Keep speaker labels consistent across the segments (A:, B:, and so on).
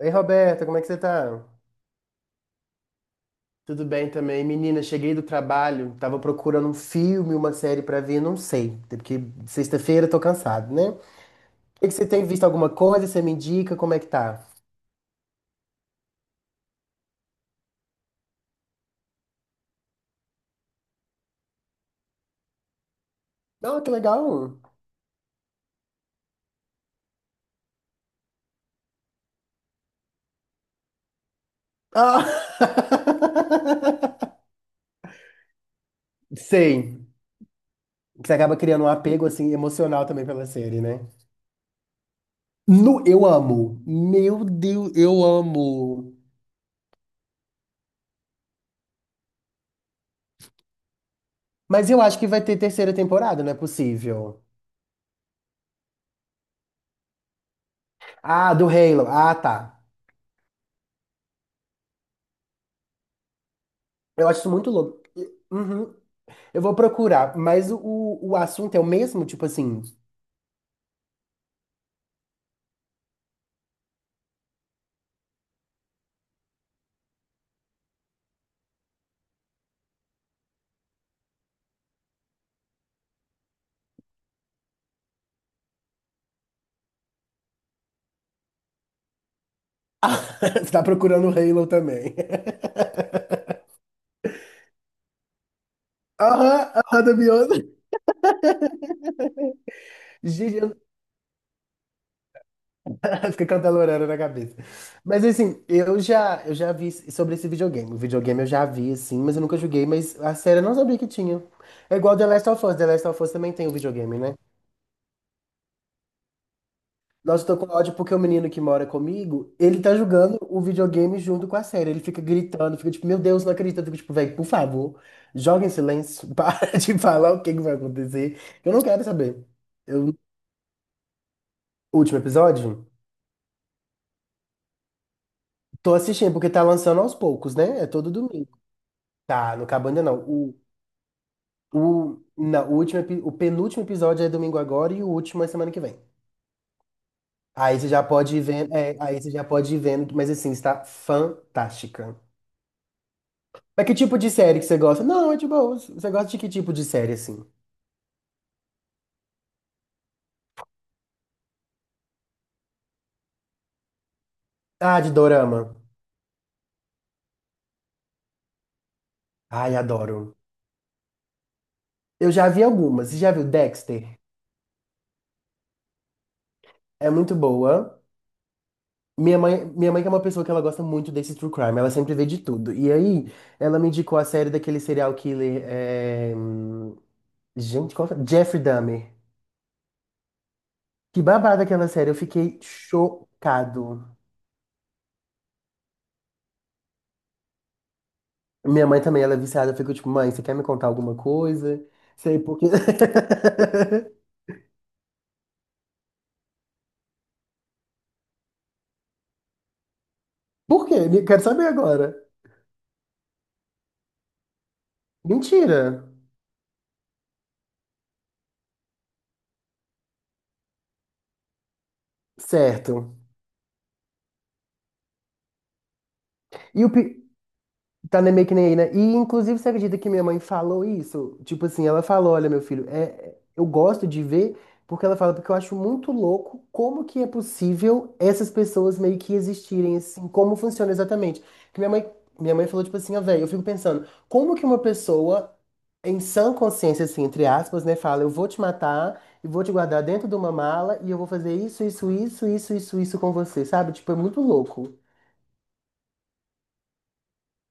A: Ei, Roberta, como é que você tá? Tudo bem também. Menina, cheguei do trabalho, tava procurando um filme, uma série pra ver, não sei, até porque sexta-feira eu tô cansado, né? O que que você tem visto alguma coisa? Você me indica como é que tá? Ah, que legal. Ah! Sei. Você acaba criando um apego assim emocional também pela série, né? No, eu amo. Meu Deus, eu amo. Mas eu acho que vai ter terceira temporada, não é possível. Ah, do Halo. Ah, tá. Eu acho isso muito louco. Uhum. Eu vou procurar, mas o assunto é o mesmo? Tipo assim, você tá procurando o Halo também. Aham, aham, da Beyoncé. Gente, fica cantalorando na cabeça. Mas assim, eu já vi sobre esse videogame. O videogame eu já vi, assim, mas eu nunca joguei, mas a série eu não sabia que tinha. É igual The Last of Us. The Last of Us também tem o videogame, né? Nossa, eu tô com ódio porque o menino que mora comigo, ele tá jogando o videogame junto com a série. Ele fica gritando, fica tipo, meu Deus, não acredito. Eu fico tipo, velho, por favor, joga em silêncio, para de falar o que que vai acontecer. Eu não quero saber. Eu, último episódio, tô assistindo porque tá lançando aos poucos, né? É todo domingo. Tá, não acabou ainda não. O, na, o, último, epi- O penúltimo episódio é domingo agora e o último é semana que vem. Aí você já pode ir vendo, mas assim, está fantástica. Mas que tipo de série que você gosta? Não, é de boa. Você gosta de que tipo de série, assim? Ah, de dorama. Ai, adoro. Eu já vi algumas. Você já viu Dexter? É muito boa. Minha mãe que é uma pessoa que ela gosta muito desse true crime. Ela sempre vê de tudo. E aí, ela me indicou a série daquele serial killer, gente, qual foi? Jeffrey Dahmer. Que babada aquela série. Eu fiquei chocado. Minha mãe também, ela é viciada. Eu fico tipo, mãe, você quer me contar alguma coisa? Sei porque. Por quê? Quero saber agora. Mentira. Certo. E o pi... Meio que nem aí, né? E inclusive você acredita que minha mãe falou isso? Tipo assim, ela falou, olha, meu filho, eu gosto de ver, porque ela fala, porque eu acho muito louco como que é possível essas pessoas meio que existirem, assim, como funciona exatamente. Que minha mãe falou, tipo assim, ó, velho, eu fico pensando, como que uma pessoa, em sã consciência, assim, entre aspas, né, fala, eu vou te matar e vou te guardar dentro de uma mala e eu vou fazer isso, isso, isso, isso, isso, isso com você, sabe? Tipo, é muito louco.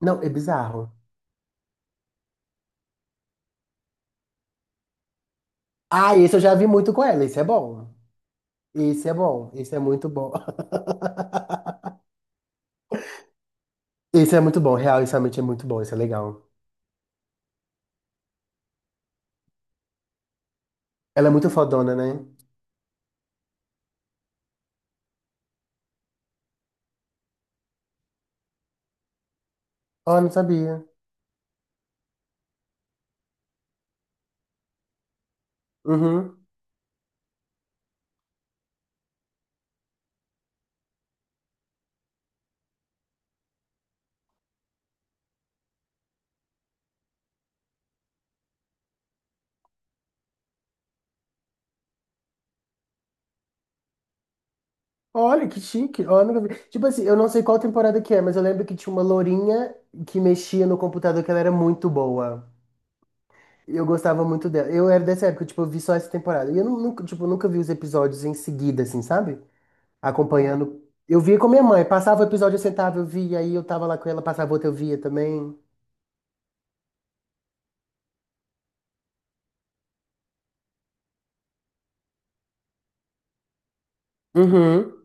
A: Não, é bizarro. Ah, esse eu já vi muito com ela. Esse é bom. Esse é bom. Esse é muito bom. Esse é muito bom. Real, isso realmente é muito bom. Esse é legal. Ela é muito fodona, né? Oh, não sabia. Uhum. Olha, que chique. Oh, nunca vi. Tipo assim, eu não sei qual temporada que é, mas eu lembro que tinha uma lourinha que mexia no computador que ela era muito boa. Eu gostava muito dela. Eu era dessa época, tipo, eu vi só essa temporada. E eu nunca, tipo, nunca vi os episódios em seguida, assim, sabe? Acompanhando. Eu via com minha mãe. Passava o episódio, eu sentava, eu via. Aí eu tava lá com ela, passava outro, eu via também. Uhum.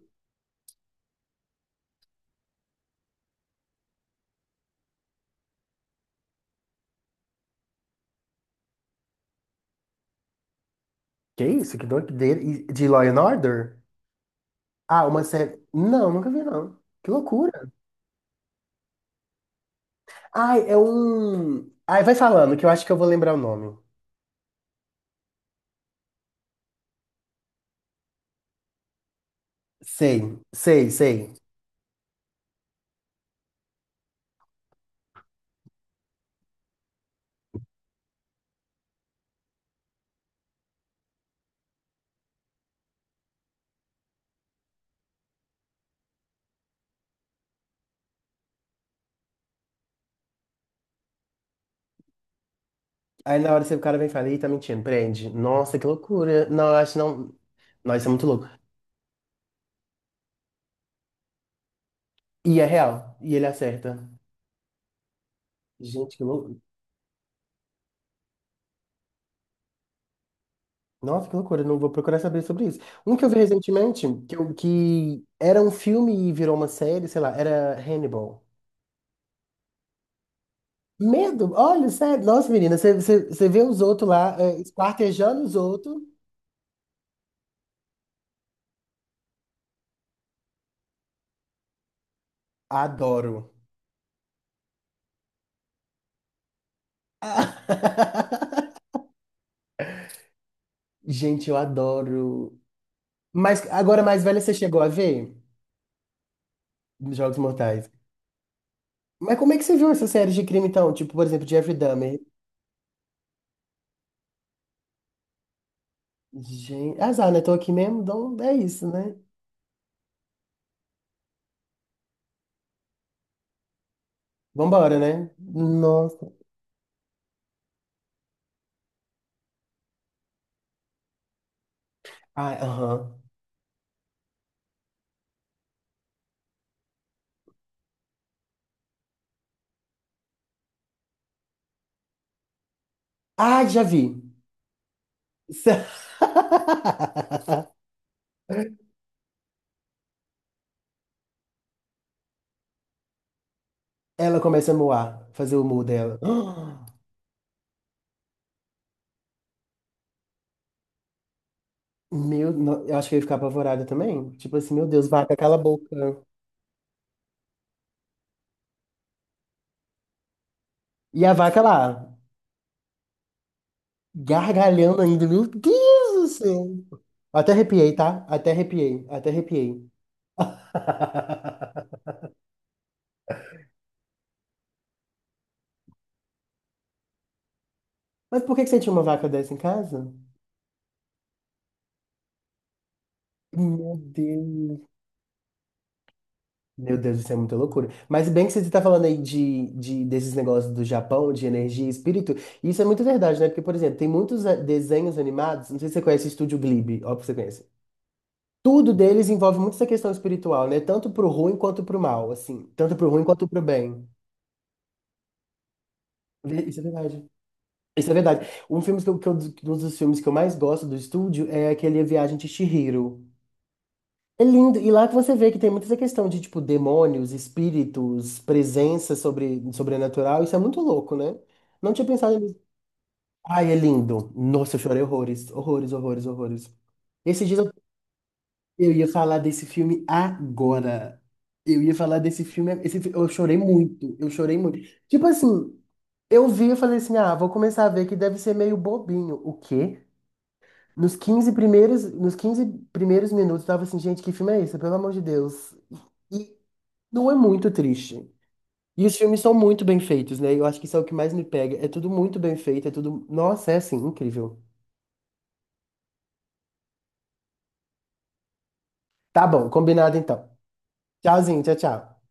A: Que isso? Que doideira. E De Law and Order? Ah, uma série. Não, nunca vi, não. Que loucura. Ai, é um. Ai, vai falando, que eu acho que eu vou lembrar o nome. Sei, sei, sei. Aí na hora o cara vem e fala, ih, tá mentindo, prende. Nossa, que loucura. Não, eu acho que não. Nossa, isso é muito louco. E é real. E ele acerta. Gente, que louco. Nossa, que loucura. Não vou procurar saber sobre isso. Um que eu vi recentemente, que era um filme e virou uma série, sei lá, era Hannibal. Medo? Olha, sério. Nossa, menina, você vê os outros lá, esquartejando os outros. Adoro. Gente, eu adoro. Mas agora, mais velha, você chegou a ver Jogos Mortais? Mas como é que você viu essas séries de crime, então? Tipo, por exemplo, Jeffrey Dahmer. Gente, azar, né? Tô aqui mesmo, então é isso, né? Vambora, né? Nossa. Ah, aham. Ah, já vi. Ela começa a moar, fazer o mu dela. Meu, eu acho que eu ia ficar apavorada também. Tipo assim, meu Deus, vaca, cala a boca. E a vaca lá, gargalhando ainda, meu Deus do céu. Até arrepiei, tá? Até arrepiei, até arrepiei. Mas por que que você tinha uma vaca dessa em casa? Meu Deus. Meu Deus, isso é muita loucura. Mas bem que você está falando aí desses negócios do Japão, de energia e espírito, isso é muito verdade, né? Porque, por exemplo, tem muitos desenhos animados, não sei se você conhece o Estúdio Ghibli, óbvio que você conhece. Tudo deles envolve muito essa questão espiritual, né? Tanto pro ruim quanto pro mal, assim. Tanto pro ruim quanto pro bem. Isso é verdade. Isso é verdade. Um filme que eu- um dos filmes que eu mais gosto do estúdio é aquele A Viagem de Chihiro. É lindo. E lá que você vê que tem muita essa questão de, tipo, demônios, espíritos, presença sobrenatural. Isso é muito louco, né? Não tinha pensado nisso. Ai, é lindo. Nossa, eu chorei horrores. Horrores, horrores, horrores. Esses dias Eu ia falar desse filme agora. Eu ia falar desse filme. Eu chorei muito. Eu chorei muito. Tipo assim, eu vi e falei assim: ah, vou começar a ver que deve ser meio bobinho. O quê? Nos quinze primeiros minutos, eu tava assim: gente, que filme é esse? Pelo amor de Deus. E não é muito triste. E os filmes são muito bem feitos, né? Eu acho que isso é o que mais me pega. É tudo muito bem feito, é tudo. Nossa, é assim, incrível. Tá bom, combinado então. Tchauzinho, tchau, tchau.